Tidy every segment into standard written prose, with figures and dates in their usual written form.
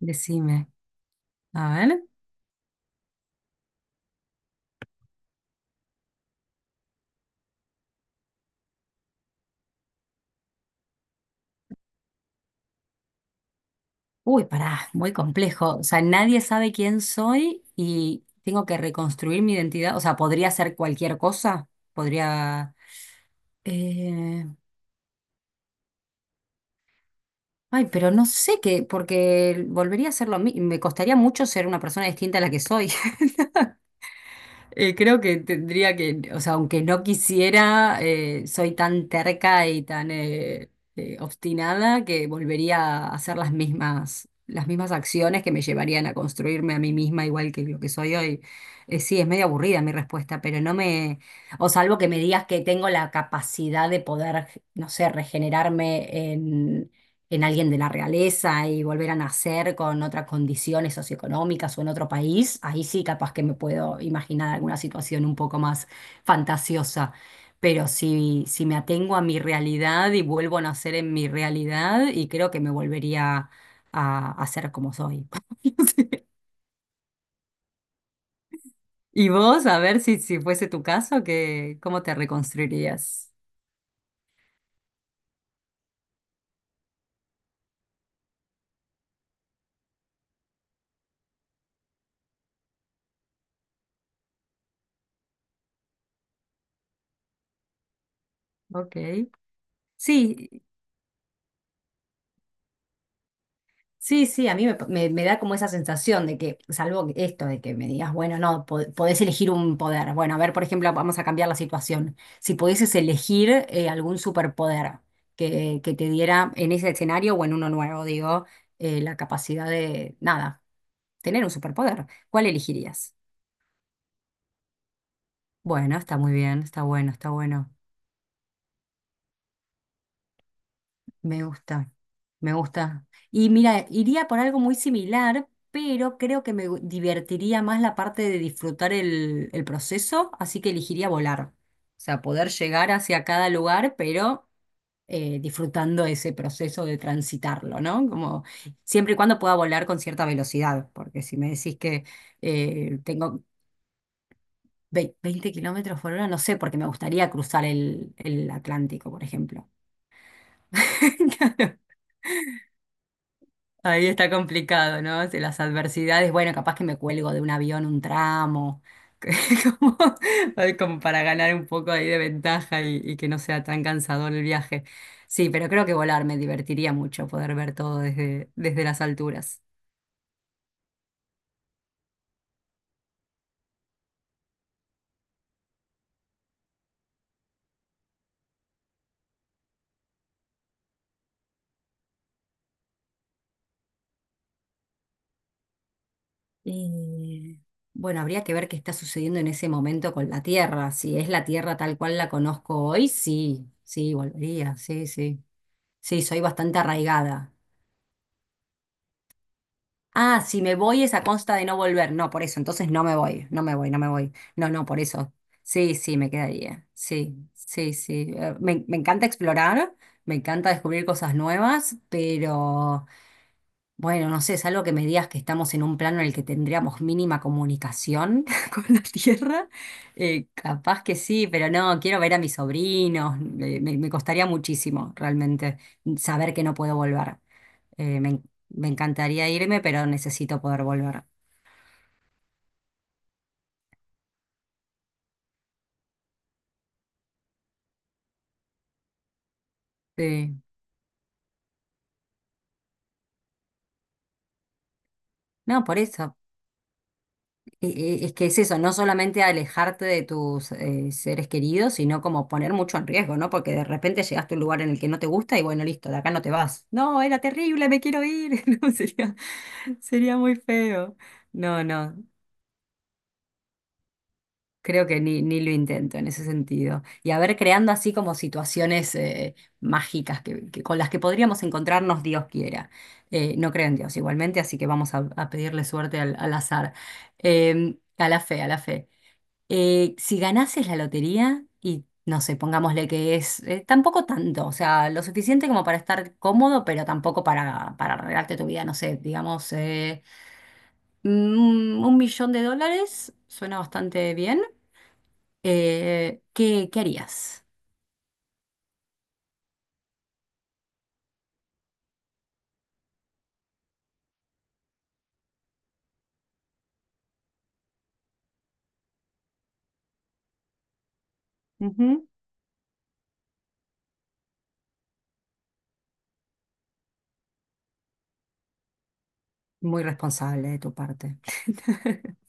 Decime, a ver. Uy, pará, muy complejo. O sea, nadie sabe quién soy y tengo que reconstruir mi identidad. O sea, podría ser cualquier cosa. Podría. eh, Ay, pero no sé qué, porque volvería a ser lo mismo. Me costaría mucho ser una persona distinta a la que soy. Creo que tendría que, o sea, aunque no quisiera, soy tan terca y tan obstinada que volvería a hacer las mismas acciones que me llevarían a construirme a mí misma igual que lo que soy hoy. Sí, es medio aburrida mi respuesta, pero no me, o salvo que me digas que tengo la capacidad de poder, no sé, regenerarme en alguien de la realeza y volver a nacer con otras condiciones socioeconómicas o en otro país, ahí sí capaz que me puedo imaginar alguna situación un poco más fantasiosa. Pero si me atengo a mi realidad y vuelvo a nacer en mi realidad, y creo que me volvería a ser como soy. No sé. Y vos, a ver si fuese tu caso, que, ¿cómo te reconstruirías? Ok. Sí, sí, sí, a mí me da como esa sensación de que, salvo esto de que me digas, bueno, no, podés elegir un poder. Bueno, a ver, por ejemplo, vamos a cambiar la situación. Si pudieses elegir algún superpoder que te diera en ese escenario o en uno nuevo, digo, la capacidad de, nada, tener un superpoder, ¿cuál elegirías? Bueno, está muy bien, está bueno, está bueno. Me gusta, me gusta. Y mira, iría por algo muy similar, pero creo que divertiría más la parte de disfrutar el proceso, así que elegiría volar. O sea, poder llegar hacia cada lugar, pero disfrutando ese proceso de transitarlo, ¿no? Como siempre y cuando pueda volar con cierta velocidad, porque si me decís que tengo 20 kilómetros por hora, no sé, porque me gustaría cruzar el Atlántico, por ejemplo. Ahí está complicado, ¿no? Si las adversidades, bueno, capaz que me cuelgo de un avión un tramo, que como, ay, como para ganar un poco ahí de ventaja y que no sea tan cansador el viaje. Sí, pero creo que volar me divertiría mucho poder ver todo desde las alturas. Eh, bueno, habría que ver qué está sucediendo en ese momento con la Tierra. Si es la Tierra tal cual la conozco hoy, sí, sí, volvería, sí, sí. Sí, soy bastante arraigada. Ah, si me voy es a consta de no volver. No, por eso. Entonces no me voy, no me voy, no me voy. No, no, por eso. Sí, sí, me quedaría. Sí, sí, sí. Me encanta explorar, me encanta descubrir cosas nuevas, pero bueno, no sé, es algo que me digas que estamos en un plano en el que tendríamos mínima comunicación con la Tierra. Capaz que sí, pero no, quiero ver a mis sobrinos. Me costaría muchísimo realmente saber que no puedo volver. Eh, me, en- me encantaría irme, pero necesito poder volver. Sí. No, por eso. E- Es que es eso, no solamente alejarte de tus seres queridos, sino como poner mucho en riesgo, ¿no? Porque de repente llegaste a un lugar en el que no te gusta y bueno, listo, de acá no te vas. No, era terrible, me quiero ir. No, sería muy feo. No, no. Creo que ni lo intento en ese sentido. Y a ver, creando así como situaciones mágicas con las que podríamos encontrarnos, Dios quiera. No creo en Dios igualmente, así que vamos a pedirle suerte al azar. A la fe, a la fe. Si ganases la lotería y, no sé, pongámosle que es tampoco tanto, o sea, lo suficiente como para estar cómodo, pero tampoco para arreglarte tu vida, no sé, digamos, un millón de dólares, suena bastante bien. ¿Qué harías? Ujú. Muy responsable de tu parte.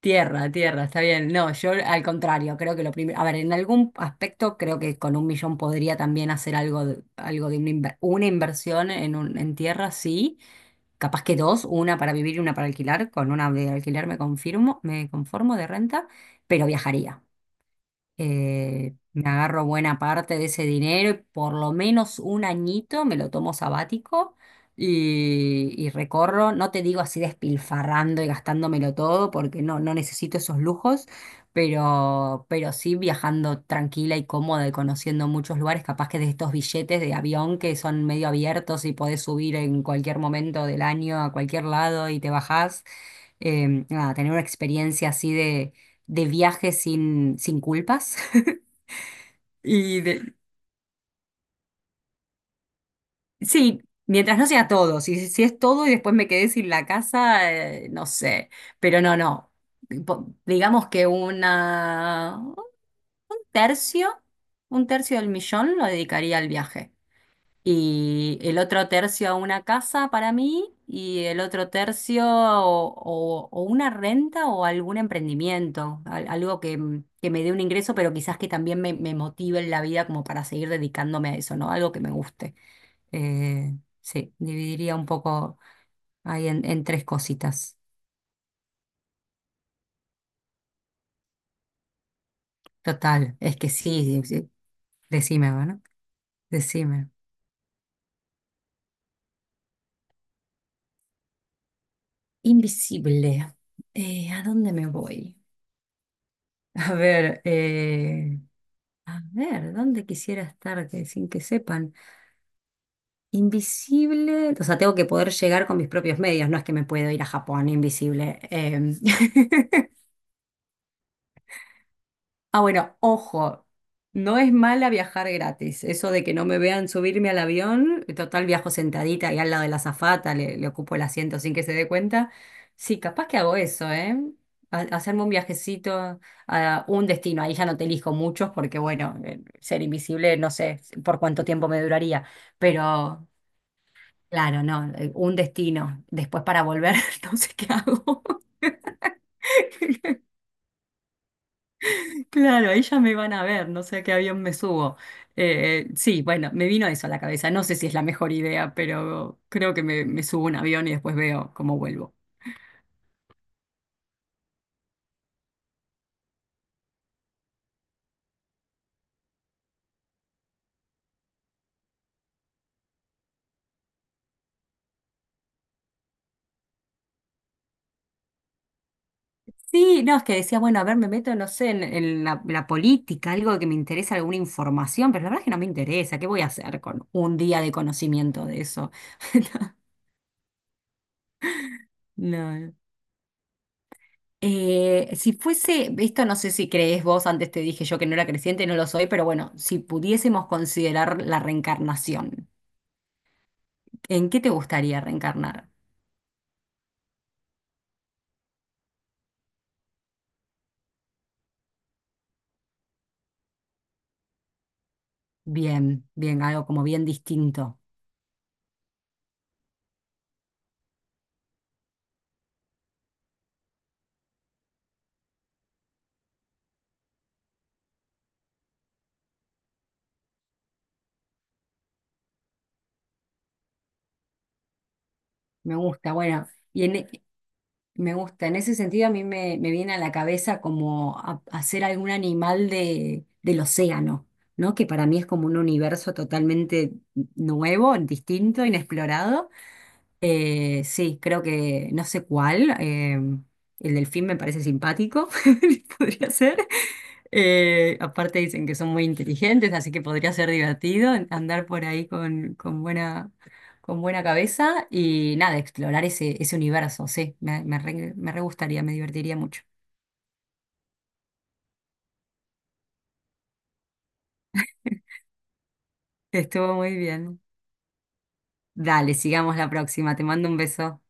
Tierra, tierra, está bien. No, yo al contrario, creo que lo primero, a ver, en algún aspecto creo que con un millón podría también hacer algo de una inversión en, en tierra, sí. Capaz que dos, una para vivir y una para alquilar. Con una de alquiler me confirmo, me conformo de renta, pero viajaría. Me agarro buena parte de ese dinero, y por lo menos un añito me lo tomo sabático y recorro, no te digo así despilfarrando y gastándomelo todo, porque no necesito esos lujos, pero sí viajando tranquila y cómoda y conociendo muchos lugares, capaz que de estos billetes de avión que son medio abiertos y podés subir en cualquier momento del año a cualquier lado y te bajás. Nada, tener una experiencia así de viaje sin culpas. Y de- sí, mientras no sea todo, si es todo y después me quedé sin la casa, no sé, pero no, no. Digamos que tercio, un tercio del millón lo dedicaría al viaje. Y el otro tercio a una casa para mí y el otro tercio o una renta o algún emprendimiento, algo que me dé un ingreso, pero quizás que también me motive en la vida como para seguir dedicándome a eso, ¿no? Algo que me guste. Eh, sí, dividiría un poco ahí en tres cositas. Total, es que sí, sí, sí, decime, bueno, decime. Invisible. ¿A dónde me voy? A ver, eh, A ver, ¿dónde quisiera estar sin que sepan? Invisible, o sea, tengo que poder llegar con mis propios medios, no es que me puedo ir a Japón invisible. Ah, bueno, ojo, no es mala viajar gratis. Eso de que no me vean subirme al avión, total viajo sentadita y al lado de la azafata, le ocupo el asiento sin que se dé cuenta. Sí, capaz que hago eso, ¿eh? Hacerme un viajecito a un destino. Ahí ya no te elijo muchos porque, bueno, ser invisible no sé por cuánto tiempo me duraría. Pero, claro, no, un destino. Después para volver, no sé qué hago. Claro, ahí ya me van a ver, no sé a qué avión me subo. Sí, bueno, me vino eso a la cabeza. No sé si es la mejor idea, pero creo que me subo a un avión y después veo cómo vuelvo. Sí, no, es que decía, bueno, a ver, me meto, no sé, en la política, algo que me interesa, alguna información, pero la verdad es que no me interesa. ¿Qué voy a hacer con un día de conocimiento de eso? No, no. Si fuese, esto no sé si crees vos, antes te dije yo que no era creciente, no lo soy, pero bueno, si pudiésemos considerar la reencarnación, ¿en qué te gustaría reencarnar? Bien, bien, algo como bien distinto. Me gusta, bueno, y en, e- me gusta, en ese sentido a mí me viene a la cabeza como hacer algún animal del océano, ¿no? Que para mí es como un universo totalmente nuevo, distinto, inexplorado. Sí, creo que no sé cuál. El delfín me parece simpático, podría ser. Aparte dicen que son muy inteligentes, así que podría ser divertido andar por ahí con buena cabeza y nada, explorar ese universo. Sí, me re gustaría, me divertiría mucho. Estuvo muy bien. Dale, sigamos la próxima. Te mando un beso.